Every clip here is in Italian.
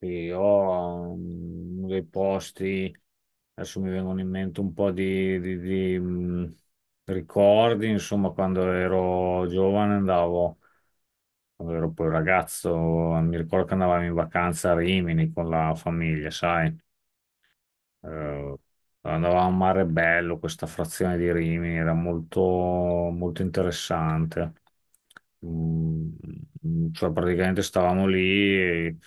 Sì, ho dei posti, adesso mi vengono in mente un po' di ricordi, insomma. Quando ero giovane andavo, quando ero poi ragazzo, mi ricordo che andavamo in vacanza a Rimini con la famiglia, sai? Eh, andavamo a Mare Bello, questa frazione di Rimini, era molto, molto interessante. Mm, cioè praticamente stavamo lì, e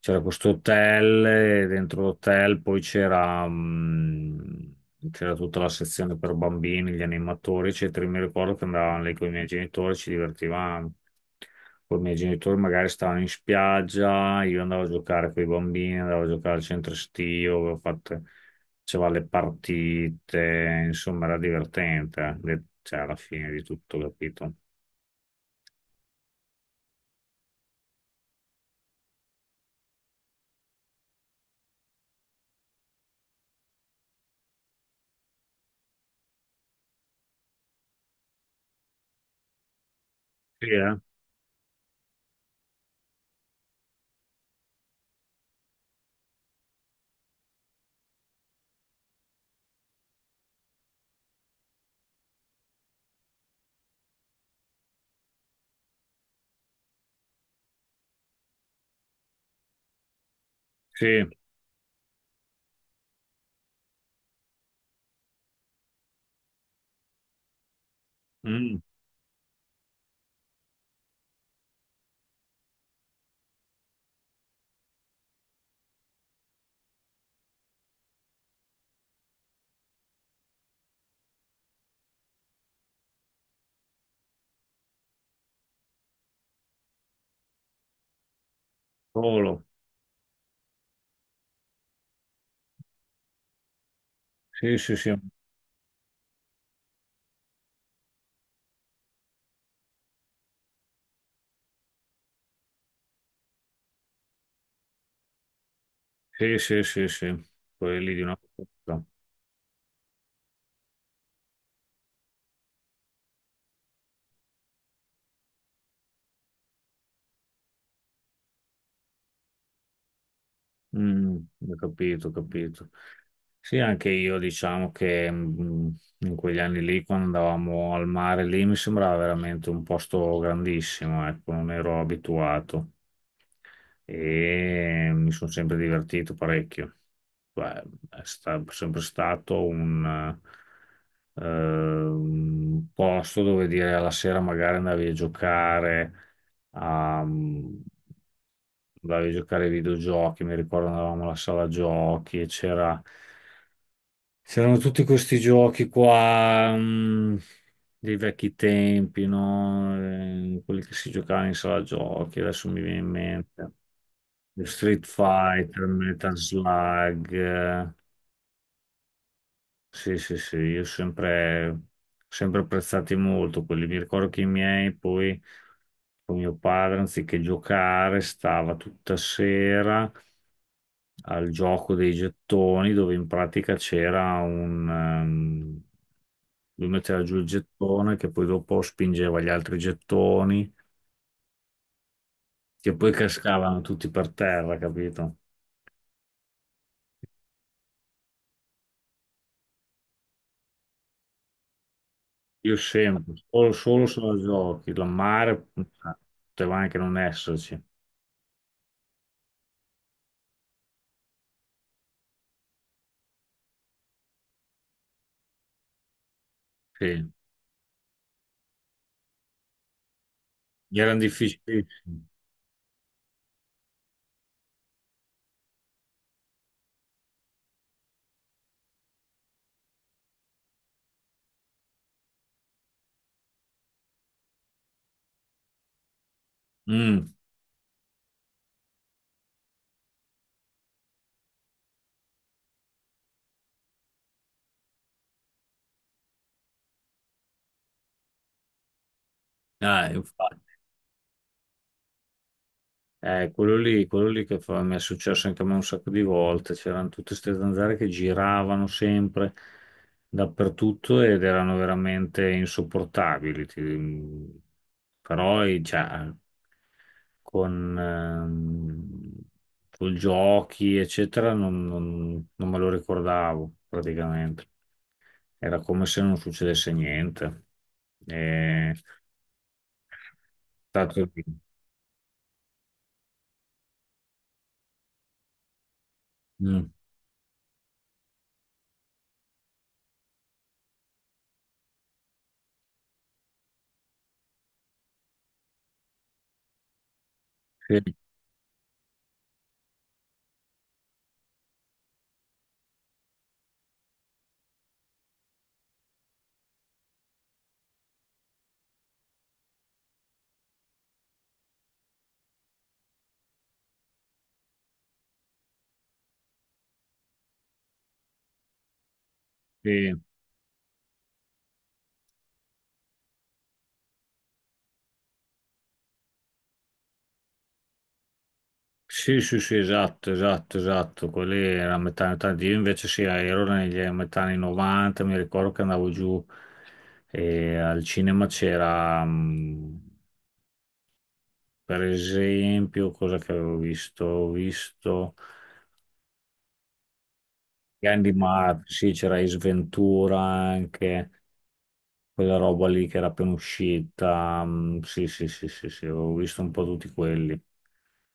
c'era questo hotel, e dentro l'hotel poi c'era tutta la sezione per bambini, gli animatori, eccetera. Io Mi ricordo che andavamo lì con i miei genitori, ci divertivamo. Con i miei genitori, magari stavano in spiaggia, io andavo a giocare con i bambini, andavo a giocare al centro estivo, avevo fatto, faceva le partite, insomma era divertente, cioè alla fine di tutto, capito? Sì, eh? Sì, Mm, solo, sì, sì, sì, sì, sì, sì, sì, quelli di una volta. Mm, Ho capito, ho capito. Sì, anche io diciamo che in quegli anni lì, quando andavamo al mare lì, mi sembrava veramente un posto grandissimo, ecco, non ero abituato e mi sono sempre divertito parecchio. Cioè, sempre stato un posto dove dire alla sera magari andavi a giocare a, mm, andavi a giocare ai videogiochi. Mi ricordo andavamo alla sala giochi e c'erano tutti questi giochi qua, dei vecchi tempi, no? Quelli che si giocava in sala giochi, adesso mi viene in mente. Lo Street Fighter, Metal Slug. Sì, sì, sì, io sempre, sempre apprezzati molto quelli. Mi ricordo che i miei poi, con mio padre, anziché giocare, stava tutta sera al gioco dei gettoni dove in pratica c'era un, lui metteva giù il gettone che poi dopo spingeva gli altri gettoni che poi cascavano tutti per terra, capito? Io sempre, solo, solo se la giochi, la mare, ah, poteva anche non esserci. Sì, gli erano difficilissimi. Mm, eh, infatti. Quello lì che mi è successo anche a me un sacco di volte, c'erano tutte queste zanzare che giravano sempre dappertutto ed erano veramente insopportabili. Però, cioè, con ehm, con giochi, eccetera, non me lo ricordavo praticamente. Era come se non succedesse niente. E, stato lì. Mm, sì, sì. Sì, sì, sì, esatto, esatto, esatto. Quelli era metà anni 80. Io invece sì, ero negli a metà anni 90, mi ricordo che andavo giù e al cinema per esempio, cosa che avevo visto? Ho visto. Candy Mart, sì, c'era Ace Ventura anche, quella roba lì che era appena uscita. Sì, sì, sì, sì, sì, ho visto un po' tutti quelli.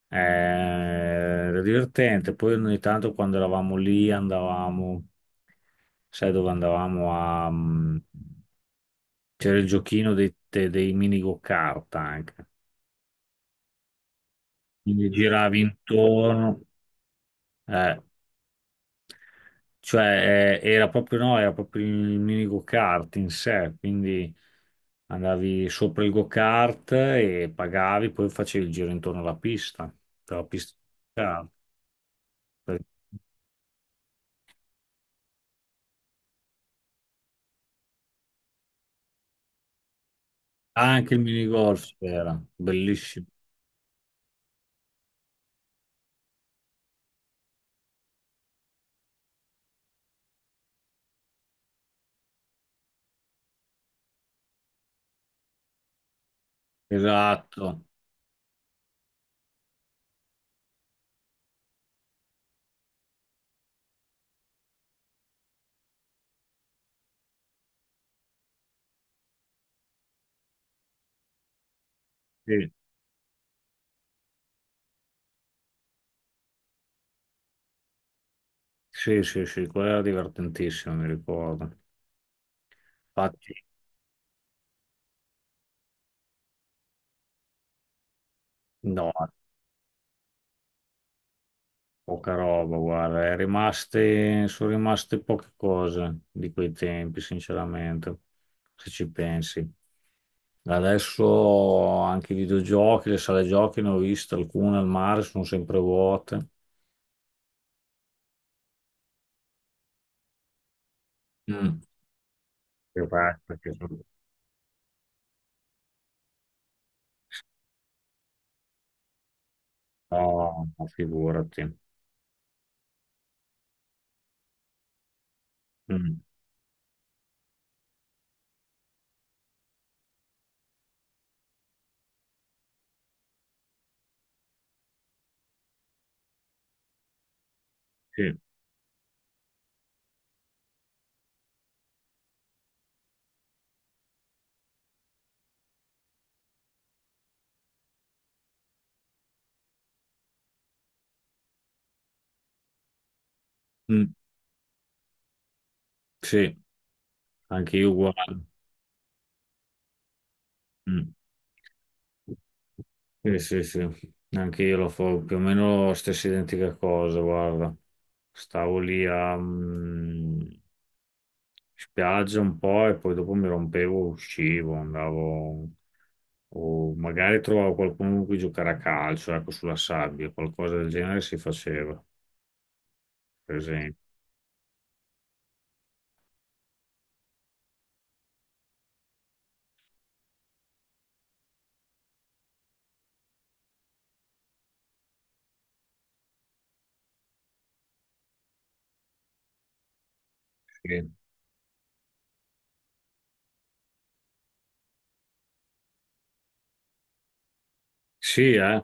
Era divertente. Poi ogni tanto quando eravamo lì andavamo, sai dove andavamo c'era il giochino dei mini go-kart anche. Quindi giravi intorno. eh, Cioè, era proprio no, era proprio il mini go-kart in sé, quindi andavi sopra il go-kart e pagavi, poi facevi il giro intorno alla pista, dalla pista di kart. Anche il mini golf era bellissimo. Esatto. Sì, sì, sì, sì, quello era divertentissimo, mi ricordo. Infatti, no. Poca roba, guarda, è rimaste, sono rimaste poche cose di quei tempi, sinceramente, se ci pensi. Adesso anche i videogiochi, le sale giochi ne ho viste alcune al mare, sono sempre vuote. Mm. Che va, perché sono... No, ma figurati. Mm, sì. Mm, sì, anche io uguale. Mm. Sì, sì, sì, anche io lo fa più o meno la stessa identica cosa, guarda. Stavo lì a spiaggia un po' e poi dopo mi rompevo, uscivo, andavo, o magari trovavo qualcuno con cui giocare a calcio, ecco, sulla sabbia, qualcosa del genere si faceva, per esempio. Sì, sì,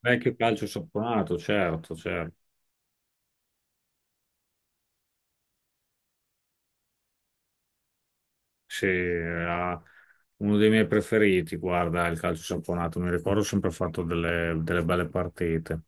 vecchio calcio saponato, certo, certo. Sì, era uno dei miei preferiti, guarda, il calcio saponato. Mi ricordo sempre fatto delle, delle belle partite.